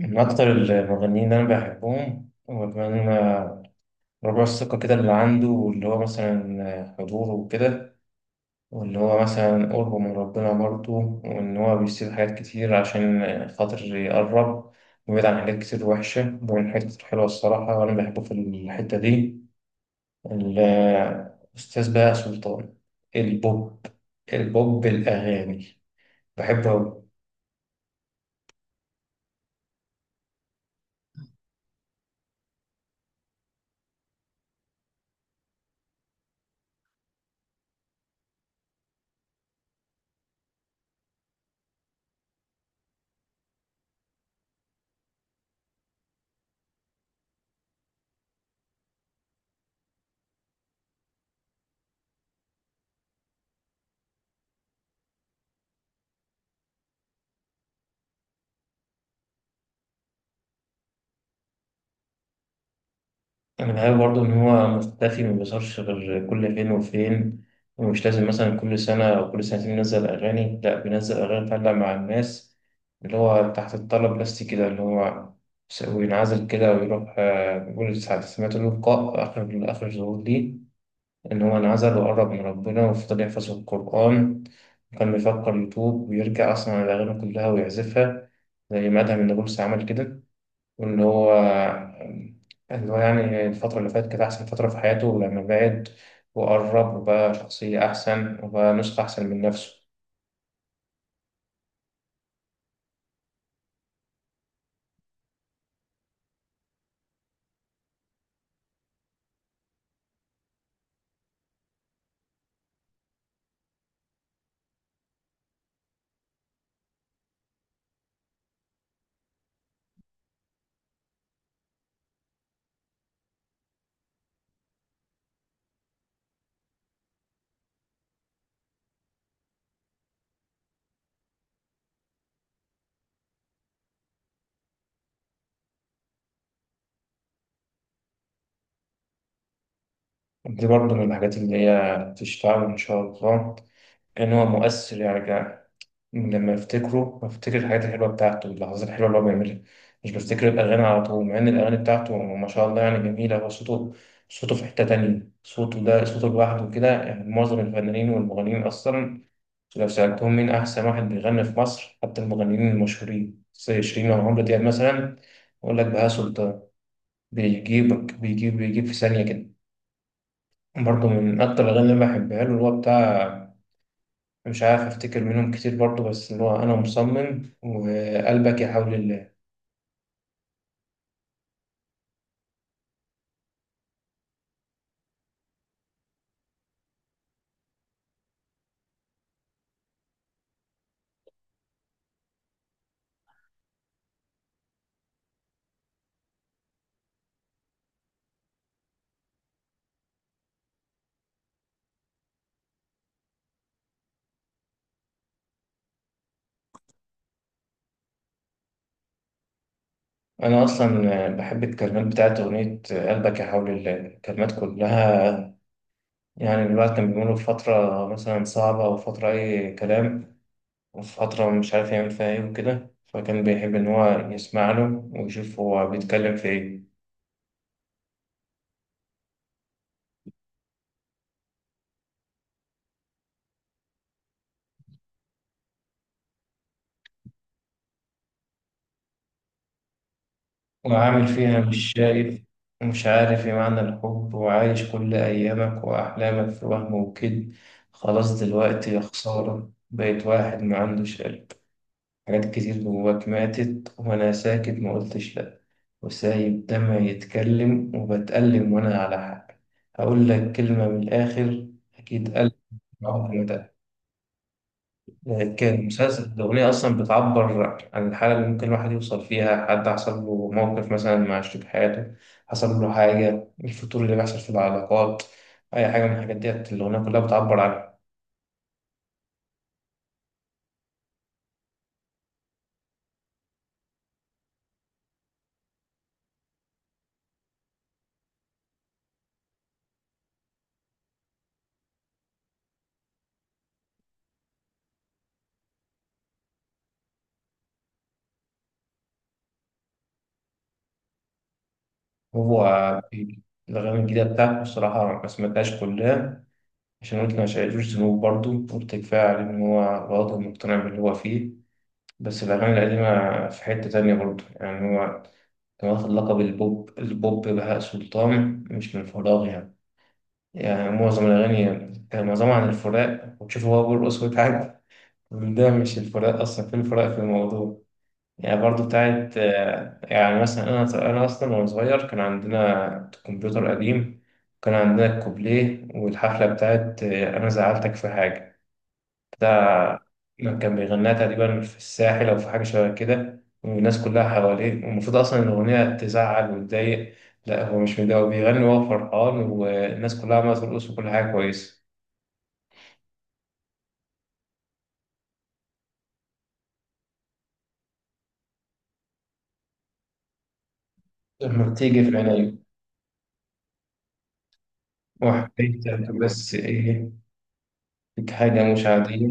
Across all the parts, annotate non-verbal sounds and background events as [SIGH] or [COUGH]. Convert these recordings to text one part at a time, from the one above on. من أكتر المغنيين اللي أنا بحبهم هو كمان ربع الثقة كده اللي عنده، واللي هو مثلا حضوره وكده، واللي هو مثلا قربه من ربنا برضه، وإن هو بيسيب حاجات كتير عشان خاطر يقرب ويبعد عن حاجات كتير وحشة ومن حاجات كتير حلوة الصراحة، وأنا بحبه في الحتة دي. الأستاذ بقى سلطان البوب البوب الأغاني، بحبه أوي. أنا بحب برضه إن هو مختفي ما بيظهرش غير كل فين وفين، ومش لازم مثلا كل سنة أو كل سنتين ينزل أغاني، لأ بينزل أغاني تعلق مع الناس، اللي هو تحت الطلب بس كده، اللي هو وينعزل كده ويروح. بيقول ساعة سمعت له لقاء، آخر آخر ظهور ليه إن هو انعزل وقرب من ربنا وفضل يحفظ القرآن، وكان بيفكر يتوب ويرجع أصلا على الأغاني كلها ويعزفها زي ما أدهم النابلسي عمل كده. وإن هو يعني الفترة اللي فاتت كانت أحسن فترة في حياته، ولما بعد وقرب، وبقى شخصية أحسن وبقى نسخة أحسن من نفسه. دي برضه من الحاجات اللي هي تشفعه إن شاء الله، إن هو مؤثر يعني. لما افتكره بفتكر الحاجات الحلوه بتاعته، اللحظات الحلوه اللي هو بيعملها، مش بفتكر الاغاني على طول، مع ان الاغاني بتاعته ما شاء الله يعني جميله. هو صوته، صوته في حته تانية، صوته ده صوته لوحده كده. يعني معظم الفنانين والمغنيين اصلا لو سألتهم مين أحسن واحد بيغني في مصر، حتى المغنيين المشهورين زي شيرين أو عمرو دياب مثلا، يقول لك بهاء سلطان. بيجيبك، بيجيب في ثانية كده. برضه من أكتر الأغاني اللي بحبها له، اللي هو بتاع، مش عارف أفتكر منهم كتير برضه، بس اللي هو أنا مصمم وقلبك يا حول الله. أنا أصلا بحب الكلمات بتاعت أغنية قلبك يا حول الله، الكلمات كلها. يعني الواحد كان بيمر بفترة مثلا صعبة أو فترة أي كلام، في فترة مش عارف يعمل فيها إيه وكده، فكان بيحب إن هو يسمع له ويشوف هو بيتكلم في إيه، وعامل فيها مش شايف، مش عارف إيه معنى الحب، وعايش كل أيامك وأحلامك في وهم وكد. خلاص دلوقتي يا خسارة بقيت واحد ما عندوش قلب، حاجات كتير جواك ماتت وأنا ساكت ما قلتش لأ، وسايب دمعي يتكلم وبتألم وأنا على حق. هقول لك كلمة من الآخر، أكيد قلبي عمره ما كان. مسلسل الأغنية أصلا بتعبر عن الحالة اللي ممكن الواحد يوصل فيها، حد حصل له موقف مثلا مع شريك حياته، حصل له حاجة، الفتور اللي بيحصل في العلاقات، أي حاجة من الحاجات ديت الأغنية كلها بتعبر عنها. هو في الأغاني الجديدة بتاعته الصراحة ما سمعتهاش كلها، عشان قلت ما شايفوش ذنوب برضه، قلت كفاية عليه إن هو برضه مقتنع باللي هو فيه. بس الأغاني القديمة في حتة تانية برضه يعني. هو كان واخد لقب البوب بهاء سلطان مش من فراغ يعني. يعني معظم الأغاني كان معظمها عن الفراق، وتشوفه هو بيرقص ويتعب، ده مش الفراق أصلا في الفراق في الموضوع. يعني برضو بتاعت، يعني مثلا أنا أصلا وأنا صغير كان عندنا كمبيوتر قديم، كان عندنا الكوبليه والحفلة بتاعت أنا زعلتك في حاجة. ده كان بيغنيها تقريبا في الساحل أو في حاجة شبه كده، والناس كلها حواليه، والمفروض أصلا إن الأغنية تزعل وتضايق، لا هو مش متضايق، هو بيغني وهو فرحان، والناس كلها عمالة ترقص، وكل حاجة كويسة. لما بتيجي في عيني وحبيتك بس إيه، فيك حاجة مش عادية،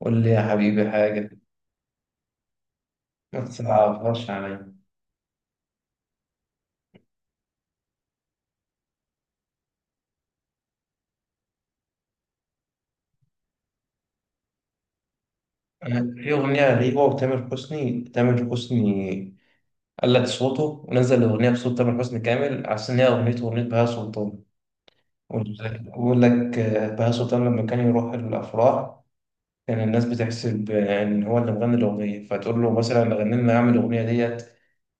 قول لي يا حبيبي حاجة، ما تصعبهاش عليا. في أغنية غريبة، وتامر حسني، تامر حسني قلد صوته ونزل الأغنية بصوت تامر حسني كامل، عشان هي أغنيته وأغنية بهاء سلطان. بقول لك بقول لك، آه، بهاء سلطان لما كان يروح الأفراح، كان الناس بتحسب إن هو اللي مغني الأغنية، فتقول له مثلا غني لنا، أعمل الأغنية ديت،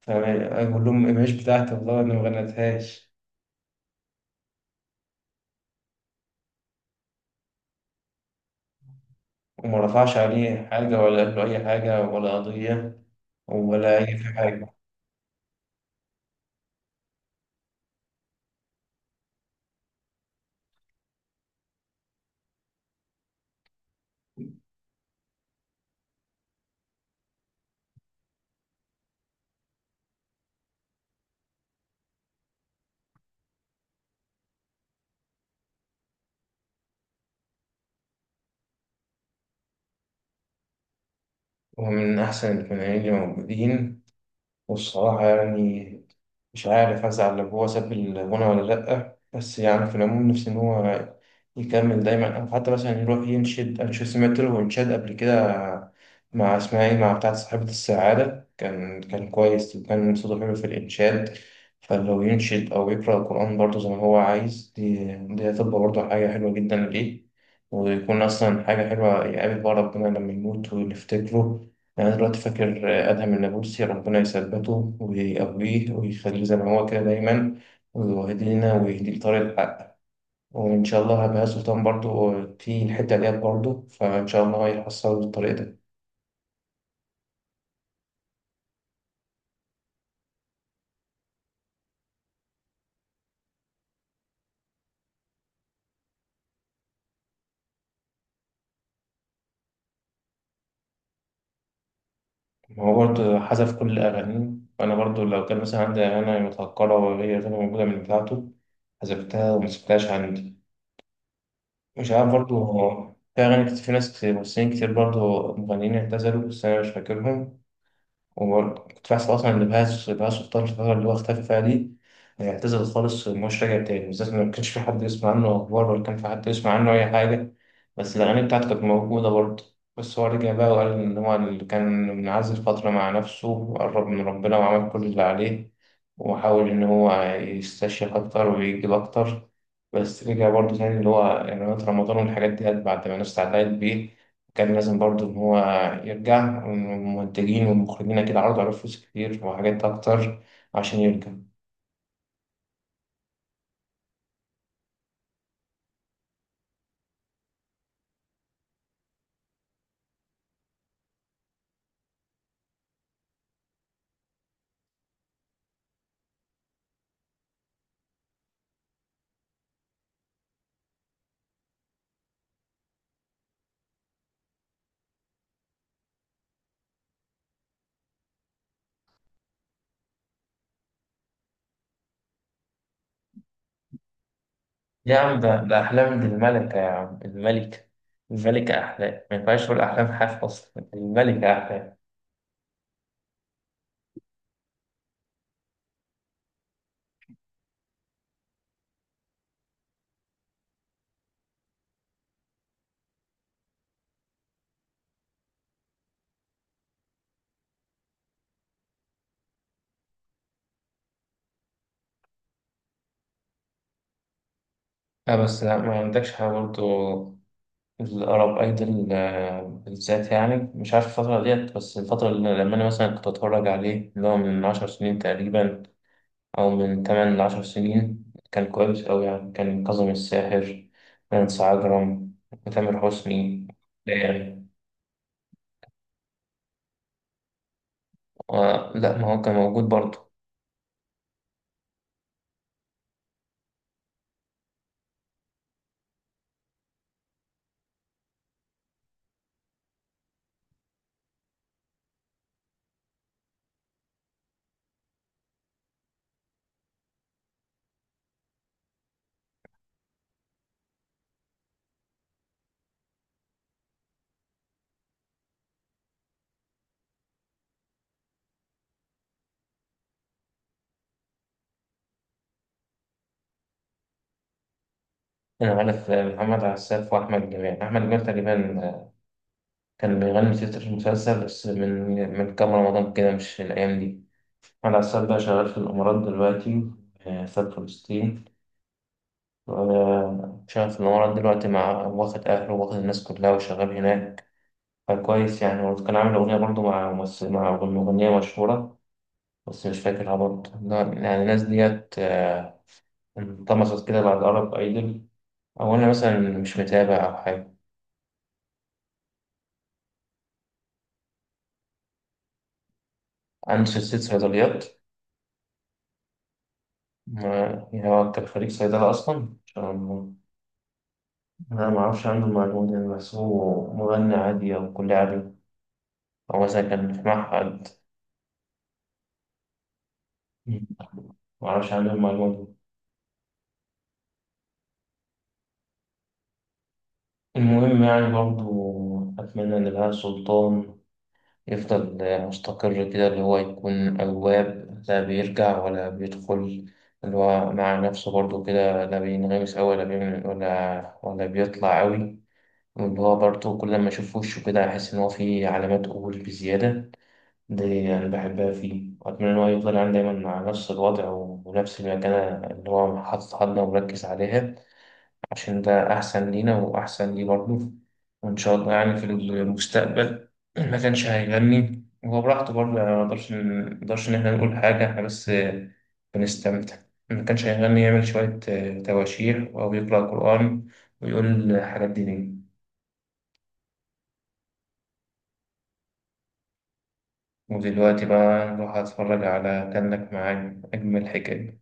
فيقول لهم مش بتاعتي والله، أنا ما غنيتهاش، وما رفعش عليه حاجة، ولا قال له أي حاجة ولا قضية ولا أي حاجة. وهو من أحسن الثنائيين اللي موجودين، والصراحة يعني مش عارف هزعل لو هو ساب الغنى ولا لأ، بس يعني في العموم نفسي إن هو يكمل دايما، أو حتى مثلا يروح ينشد. أنا شو سمعت له إنشاد قبل كده، مع اسمها إيه، مع بتاعة صاحبة السعادة، كان كويس وكان صوته حلو في الإنشاد. فلو ينشد أو يقرأ القرآن برضه زي ما هو عايز، دي هتبقى برضه حاجة حلوة جدا ليه، ويكون أصلا حاجة حلوة، يقابل بقى ربنا لما يموت ونفتكره. يعني أنا دلوقتي فاكر أدهم النابلسي، ربنا يثبته ويقويه ويخليه زي ما هو كده دايما، ويهدي لنا ويهدي لطريق الحق، وإن شاء الله هبقى سلطان برضه في الحتة ديت برضه، فإن شاء الله هيحصل الطريق ده. هو برضه حذف كل أغانيه، وأنا برضه لو كان مثلا عندي أغاني متهكرة وهي غير موجودة من بتاعته، حذفتها ومسكتهاش عندي. مش عارف برضه، هو في أغاني كتير، في ناس كتير، ممثلين كتير برضه، مغنيين اعتزلوا بس أنا مش فاكرهم. وكنت بحسب أصلا إن بهاز سلطان في الفترة اللي هو اختفى فيها دي اعتزل خالص ومش راجع تاني، بالذات إن ما كانش في حد يسمع عنه أخبار، ولا كان في حد يسمع عنه أي حاجة، بس الأغاني بتاعته كانت موجودة برضه. بس هو رجع بقى وقال إن هو اللي كان منعزل فترة مع نفسه وقرب من ربنا وعمل كل اللي عليه، وحاول إن هو يستشيخ أكتر ويجيب أكتر. بس رجع برضه تاني، اللي هو إعلانات رمضان والحاجات دي، بعد ما الناس اتعلقت بيه كان لازم برضو إن هو يرجع، والمنتجين والمخرجين أكيد عرضوا عليه فلوس كتير وحاجات أكتر عشان يرجع. يا عم ده أحلام الملكة، يا عم الملكة، الملكة أحلام، ما ينفعش تقول أحلام حاف، أصلا الملكة أحلام. لا بس لا، ما عندكش حاجة برضو. الأرب أيدل بالذات يعني مش عارف الفترة ديت، بس الفترة اللي لما أنا مثلا كنت أتفرج عليه، اللي هو من عشر سنين تقريبا أو من تمن لعشر سنين، كان كويس أوي يعني. كان كاظم الساحر، نانسي عجرم، وتامر حسني يعني. و- لا ما هو كان موجود برضه. أنا عارف محمد عساف وأحمد جمال. أحمد جمال تقريبا كان بيغني تتر المسلسل بس، من كام رمضان كده مش الأيام دي. محمد عساف بقى شغال في الإمارات دلوقتي، في فلسطين، شغال في الإمارات دلوقتي، مع واخد أهله، واخد الناس كلها وشغال هناك، فكويس يعني. وكان عامل أغنية برضه مع ممثل، مع مغنية مشهورة، بس مش فاكرها برضه. لا، يعني الناس ديت انطمست كده بعد أرب أيدل، أو أنا مثلا مش متابع أو حاجة. عندي سلسلة صيدليات، يعني هو كان خريج صيدلة أصلا، عشان أنا ما أعرفش عنه المعلومة دي، أنا بحسبه مغني عادي أو كلية عادي، أو مثلا كان في معهد، ما أعرفش عنه المعلومة دي. المهم يعني برضه أتمنى إن بهاء سلطان يفضل مستقر كده، اللي هو يكون أواب، لا بيرجع ولا بيدخل، اللي هو مع نفسه برضه كده، لا بينغمس أوي ولا بيعمل ولا بيطلع أوي، واللي هو برضه كل ما أشوف وشه كده أحس إن هو فيه علامات قبول بزيادة. دي أنا بحبها فيه، وأتمنى إن هو يفضل يعني دايما مع نفس الوضع ونفس المكانة اللي هو حاططها لنا ومركز عليها. عشان ده أحسن لينا وأحسن ليه برضه. وإن شاء الله يعني في المستقبل [CLEARS THROAT] ما كانش هيغني هو براحته برضه، يعني ما نقدرش إن إحنا نقول حاجة، إحنا بس بنستمتع. ما كانش هيغني يعمل شوية تواشيح، أو يقرأ قرآن ويقول حاجات دينية. ودلوقتي بقى نروح أتفرج على كأنك معايا، أجمل حكاية.